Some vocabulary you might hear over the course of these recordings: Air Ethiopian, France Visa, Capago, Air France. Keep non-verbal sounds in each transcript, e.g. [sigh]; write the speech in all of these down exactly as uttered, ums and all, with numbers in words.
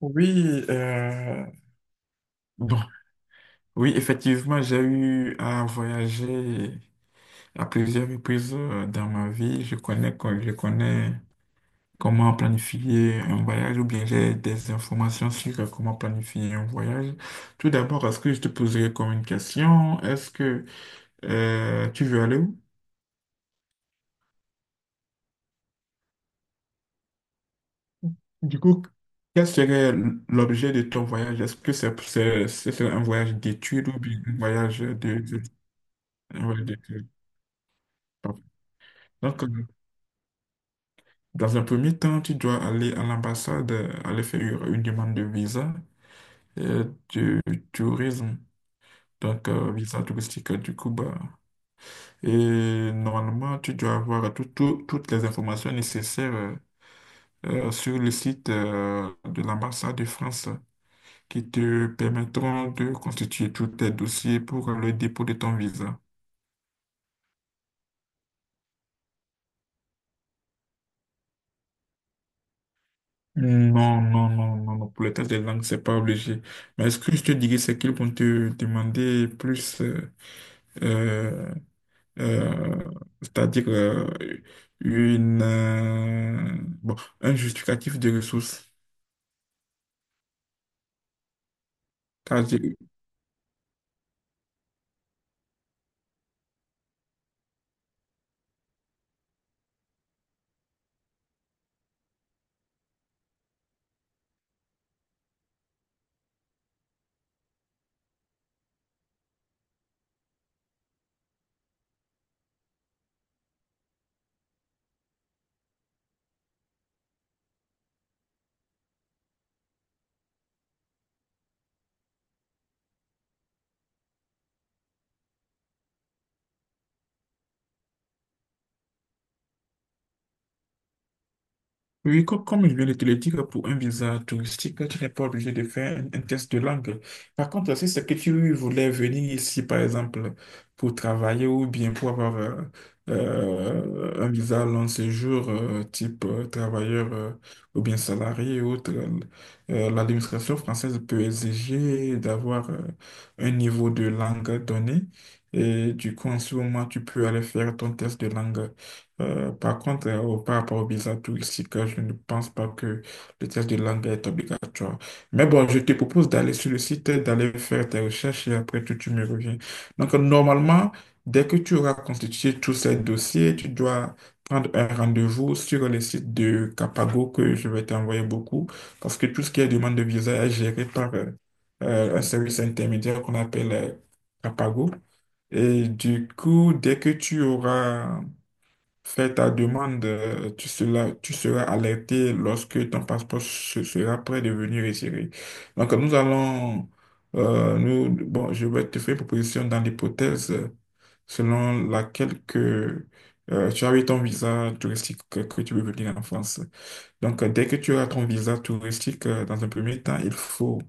Oui, euh, bon, oui, effectivement, j'ai eu à voyager à plusieurs reprises euh, dans ma vie. Je connais, co- je connais comment planifier un voyage ou bien j'ai des informations sur euh, comment planifier un voyage. Tout d'abord, est-ce que je te poserai comme une question? Est-ce que euh, tu veux aller où? Du coup, quel serait l'objet de ton voyage? Est-ce que c'est, c'est, c'est un voyage d'études ou bien un voyage de, de- un voyage d'études? Pardon. Donc, euh, dans un premier temps, tu dois aller à l'ambassade, euh, aller faire une une demande de visa euh, du tourisme, donc euh, visa touristique du Cuba. Et normalement, tu dois avoir tout- tout- toutes les informations nécessaires euh, euh, sur le site euh, de l'ambassade de France qui te permettront de constituer tous tes dossiers pour le dépôt de ton visa. Non, non, non, non, non, pour le test des langues, c'est pas obligé. Mais ce que je te dirais, c'est qu'ils vont te demander plus. euh, euh, euh, C'est-à-dire euh, une, euh, bon, un justificatif de ressources. Oui, co- comme je viens de te le dire, pour un visa touristique, tu n'es pas obligé de faire un, un test de langue. Par contre, si c'est que tu voulais venir ici, par exemple, pour travailler ou bien pour avoir euh, euh, un visa long séjour, euh, type euh, travailleur euh, ou bien salarié ou autre, euh, euh, l'administration française peut exiger d'avoir euh, un niveau de langue donné. Et du coup, en ce moment, tu peux aller faire ton test de langue. Euh, par contre, euh, au- par rapport au visa touristique, euh, je ne pense pas que le test de langue est obligatoire. Mais bon, je te propose d'aller sur le site, euh, d'aller faire tes recherches et après tout, tu me reviens. Donc, euh, normalement, dès que tu auras constitué tous ces dossiers, tu dois prendre un rendez-vous sur le site de Capago que je vais t'envoyer beaucoup parce que tout ce qui est demande de visa est géré par euh, euh, un service intermédiaire qu'on appelle euh, Capago. Et du coup, dès que tu auras fais ta demande, euh, tu seras, tu seras alerté lorsque ton passeport se- sera prêt de venir retirer. Donc, nous allons, euh, nous, bon, je vais te faire une proposition dans l'hypothèse selon laquelle que, euh, tu as eu ton visa touristique que, que tu veux venir en France. Donc, euh, dès que tu as ton visa touristique, euh, dans un premier temps, il faut,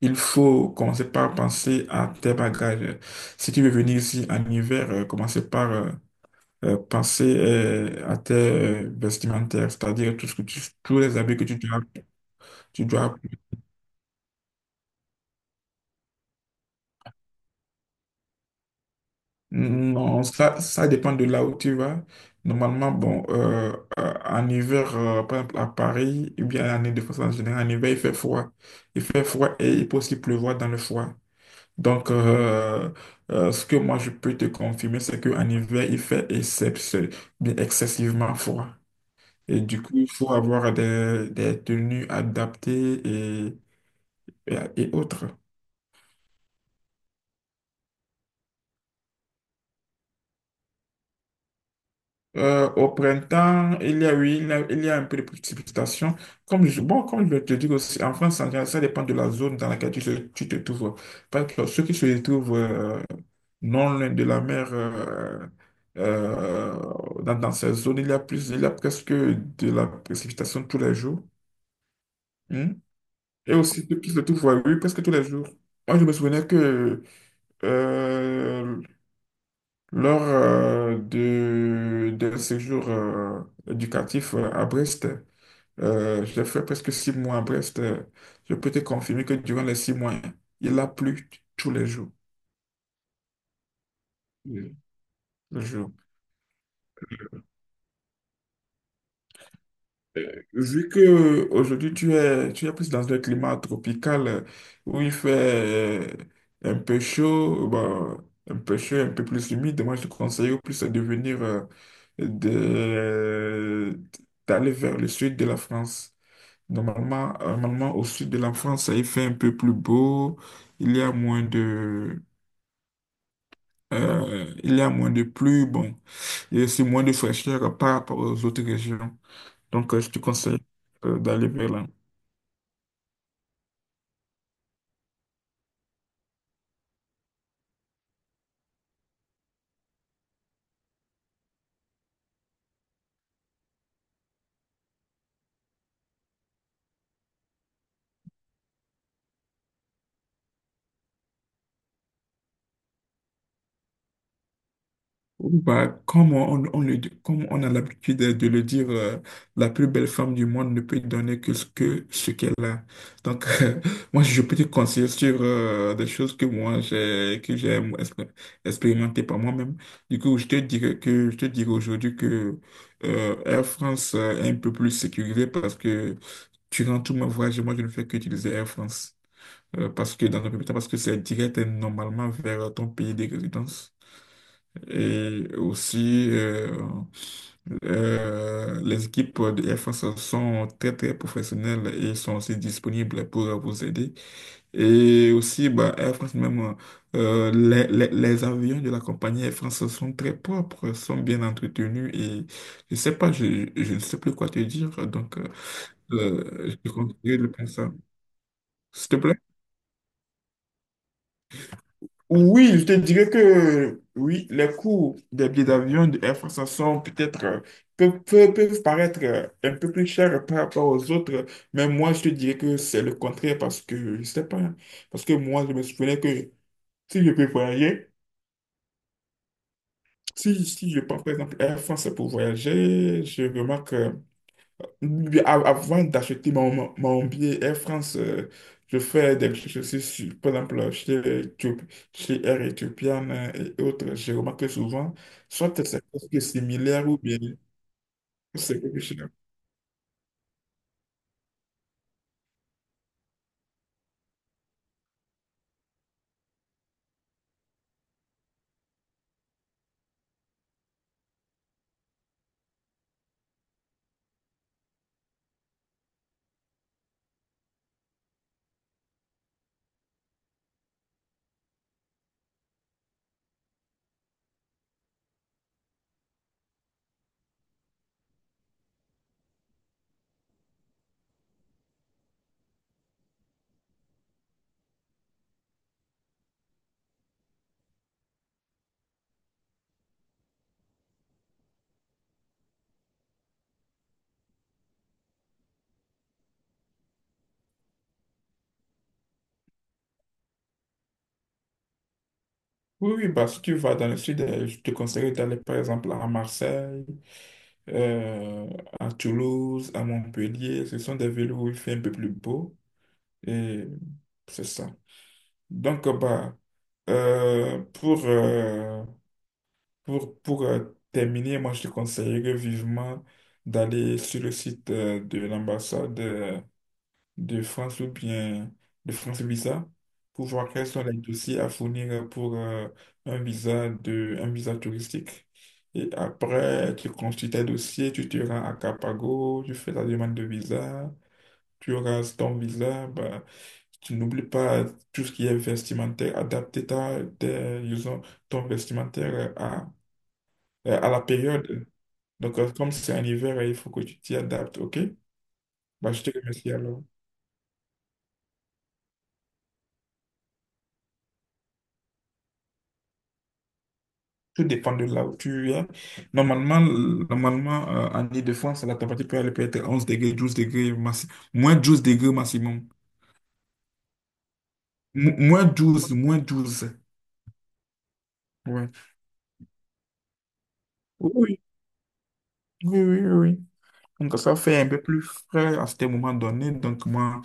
il faut commencer par penser à tes bagages. Si tu veux venir ici en hiver, euh, commencez par euh, euh, penser euh, à tes euh, vestimentaires, c'est-à-dire tout ce que tu- tous les habits que tu dois, tu dois. Non, ça, ça dépend de là où tu vas. Normalement, bon, euh, euh, en hiver, euh, par exemple à Paris, ou bien en Île-de-France en général, en hiver, il fait froid. Il fait froid et il peut aussi pleuvoir dans le froid. Donc, euh, euh, ce que moi je peux te confirmer, c'est qu'en hiver, il fait excep- bien excessivement froid. Et du coup, il faut avoir des, des tenues adaptées et, et autres. Euh, au printemps, il y a, oui, il y a, il y a un peu de précipitation. Comme je, bon, comme je te dire aussi, en France, en général, ça dépend de la zone dans laquelle tu, te tu te trouves. Parce que ceux qui se trouvent euh, non loin de la mer, euh, euh, dans, dans ces zones, il y a plus, il y a presque de la précipitation tous les jours. Hmm. Et aussi, ceux qui se trouvent, oui, presque tous les jours. Moi, je me souvenais que euh, lors euh, de, d'un séjour euh, éducatif euh, à Brest, euh, j'ai fait presque six mois à Brest. euh, Je peux te confirmer que durant les six mois, il a plu tous les jours. Mm. Le jour. Euh, Vu que euh, aujourd'hui tu es, tu es plus dans un climat tropical euh, où il fait euh, un peu chaud, bon, un peu chaud, un peu plus humide, moi je te conseille au plus de venir euh, de- d'aller vers le sud de la France. Normalement, normalement, au sud de la France, il fait un peu plus beau. Il y a moins de, euh, il y a moins de pluie. Bon, il y a aussi moins de fraîcheur par rapport aux autres régions. Donc, euh, je te conseille, euh, d'aller vers là. Bah, comme on, on le dit- comme on a l'habitude de le dire, euh, la plus belle femme du monde ne peut donner que ce que ce qu'elle a. Donc, [laughs] euh, moi, je peux te conseiller sur euh, des choses que moi j'ai que j'ai expé- expérimenté par moi-même. Du coup, je te dirais que je te dirais aujourd'hui que euh, Air France euh, est un peu plus sécurisé parce que durant tout mon voyage, moi, je ne fais qu'utiliser Air France. Euh, parce que dans un premier temps, parce que c'est direct et normalement vers ton pays de résidence. Et aussi, euh, euh, les équipes de Air France sont très, très professionnelles et sont aussi disponibles pour vous aider. Et aussi, bah, Air France même, euh, les, les, les avions de la compagnie Air France sont très propres, sont bien entretenus et je sais pas, je, je ne sais plus quoi te dire, donc euh, je te conseille de penser, ça. S'il te plaît. Oui, je te dirais que oui, les coûts des billets d'avion de Air France sont peut-être euh, peuvent, peuvent- peuvent paraître euh, un peu plus chers par rapport aux autres, mais moi je te dirais que c'est le contraire parce que je sais pas, parce que moi je me souvenais que si je peux voyager, si, si je prends par exemple Air France pour voyager, je remarque euh, oui, a- avant d'acheter mon, mon mon billet Air France, euh, je fais des recherches aussi sur, par exemple, chez, Éthio- chez Air Ethiopian euh, et autres. Je remarque que souvent, soit c'est presque similaire ou bien c'est quelque chose. Oui, oui, bah, si tu vas dans le sud, euh, je te conseille d'aller par exemple à Marseille, euh, à Toulouse, à Montpellier. Ce sont des villes où il fait un peu plus beau et c'est ça. Donc, euh, bah, euh, pour. euh, Pour, pour euh, terminer, moi, je te conseillerais vivement d'aller sur le site euh, de l'ambassade euh, de France ou bien de France Visa pour voir quels sont les dossiers à fournir pour euh, un visa de, un visa touristique. Et après, tu construis tes dossiers, tu te rends à Capago, tu fais ta demande de visa, tu auras ton visa. Bah, tu n'oublies pas tout ce qui est vestimentaire, adapter ta, tes- disons, ton vestimentaire à, à, la période. Donc, euh, comme c'est un hiver, il faut que tu t'y adaptes, ok? Bah, je te remercie alors. Tout dépend de là où tu es. Normalement, l- normalement euh, en Île-de-France, la température peut aller peut-être onze degrés, douze degrés, maxi- moins douze degrés maximum. Mo- moins douze moins douze Ouais. Oui, oui, oui, oui. Oui. Donc, ça fait un peu plus frais à ce moment donné. Donc, moi.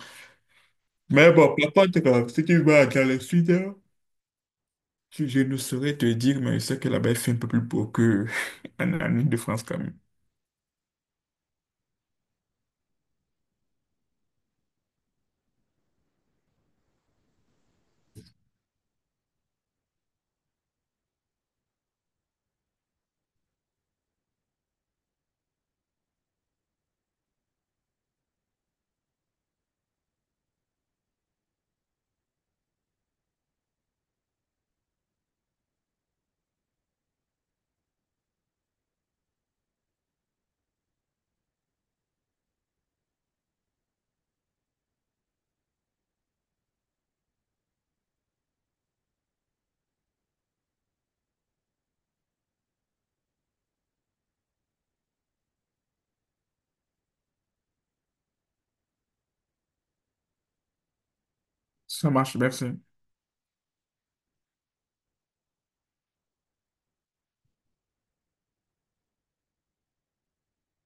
Mais bon, par contre, euh, si tu vas dans le sud, hein, je je ne saurais te dire, mais je sais que là-bas, il fait un peu plus beau que [laughs] en en Île-de-France quand même. Ça marche, merci.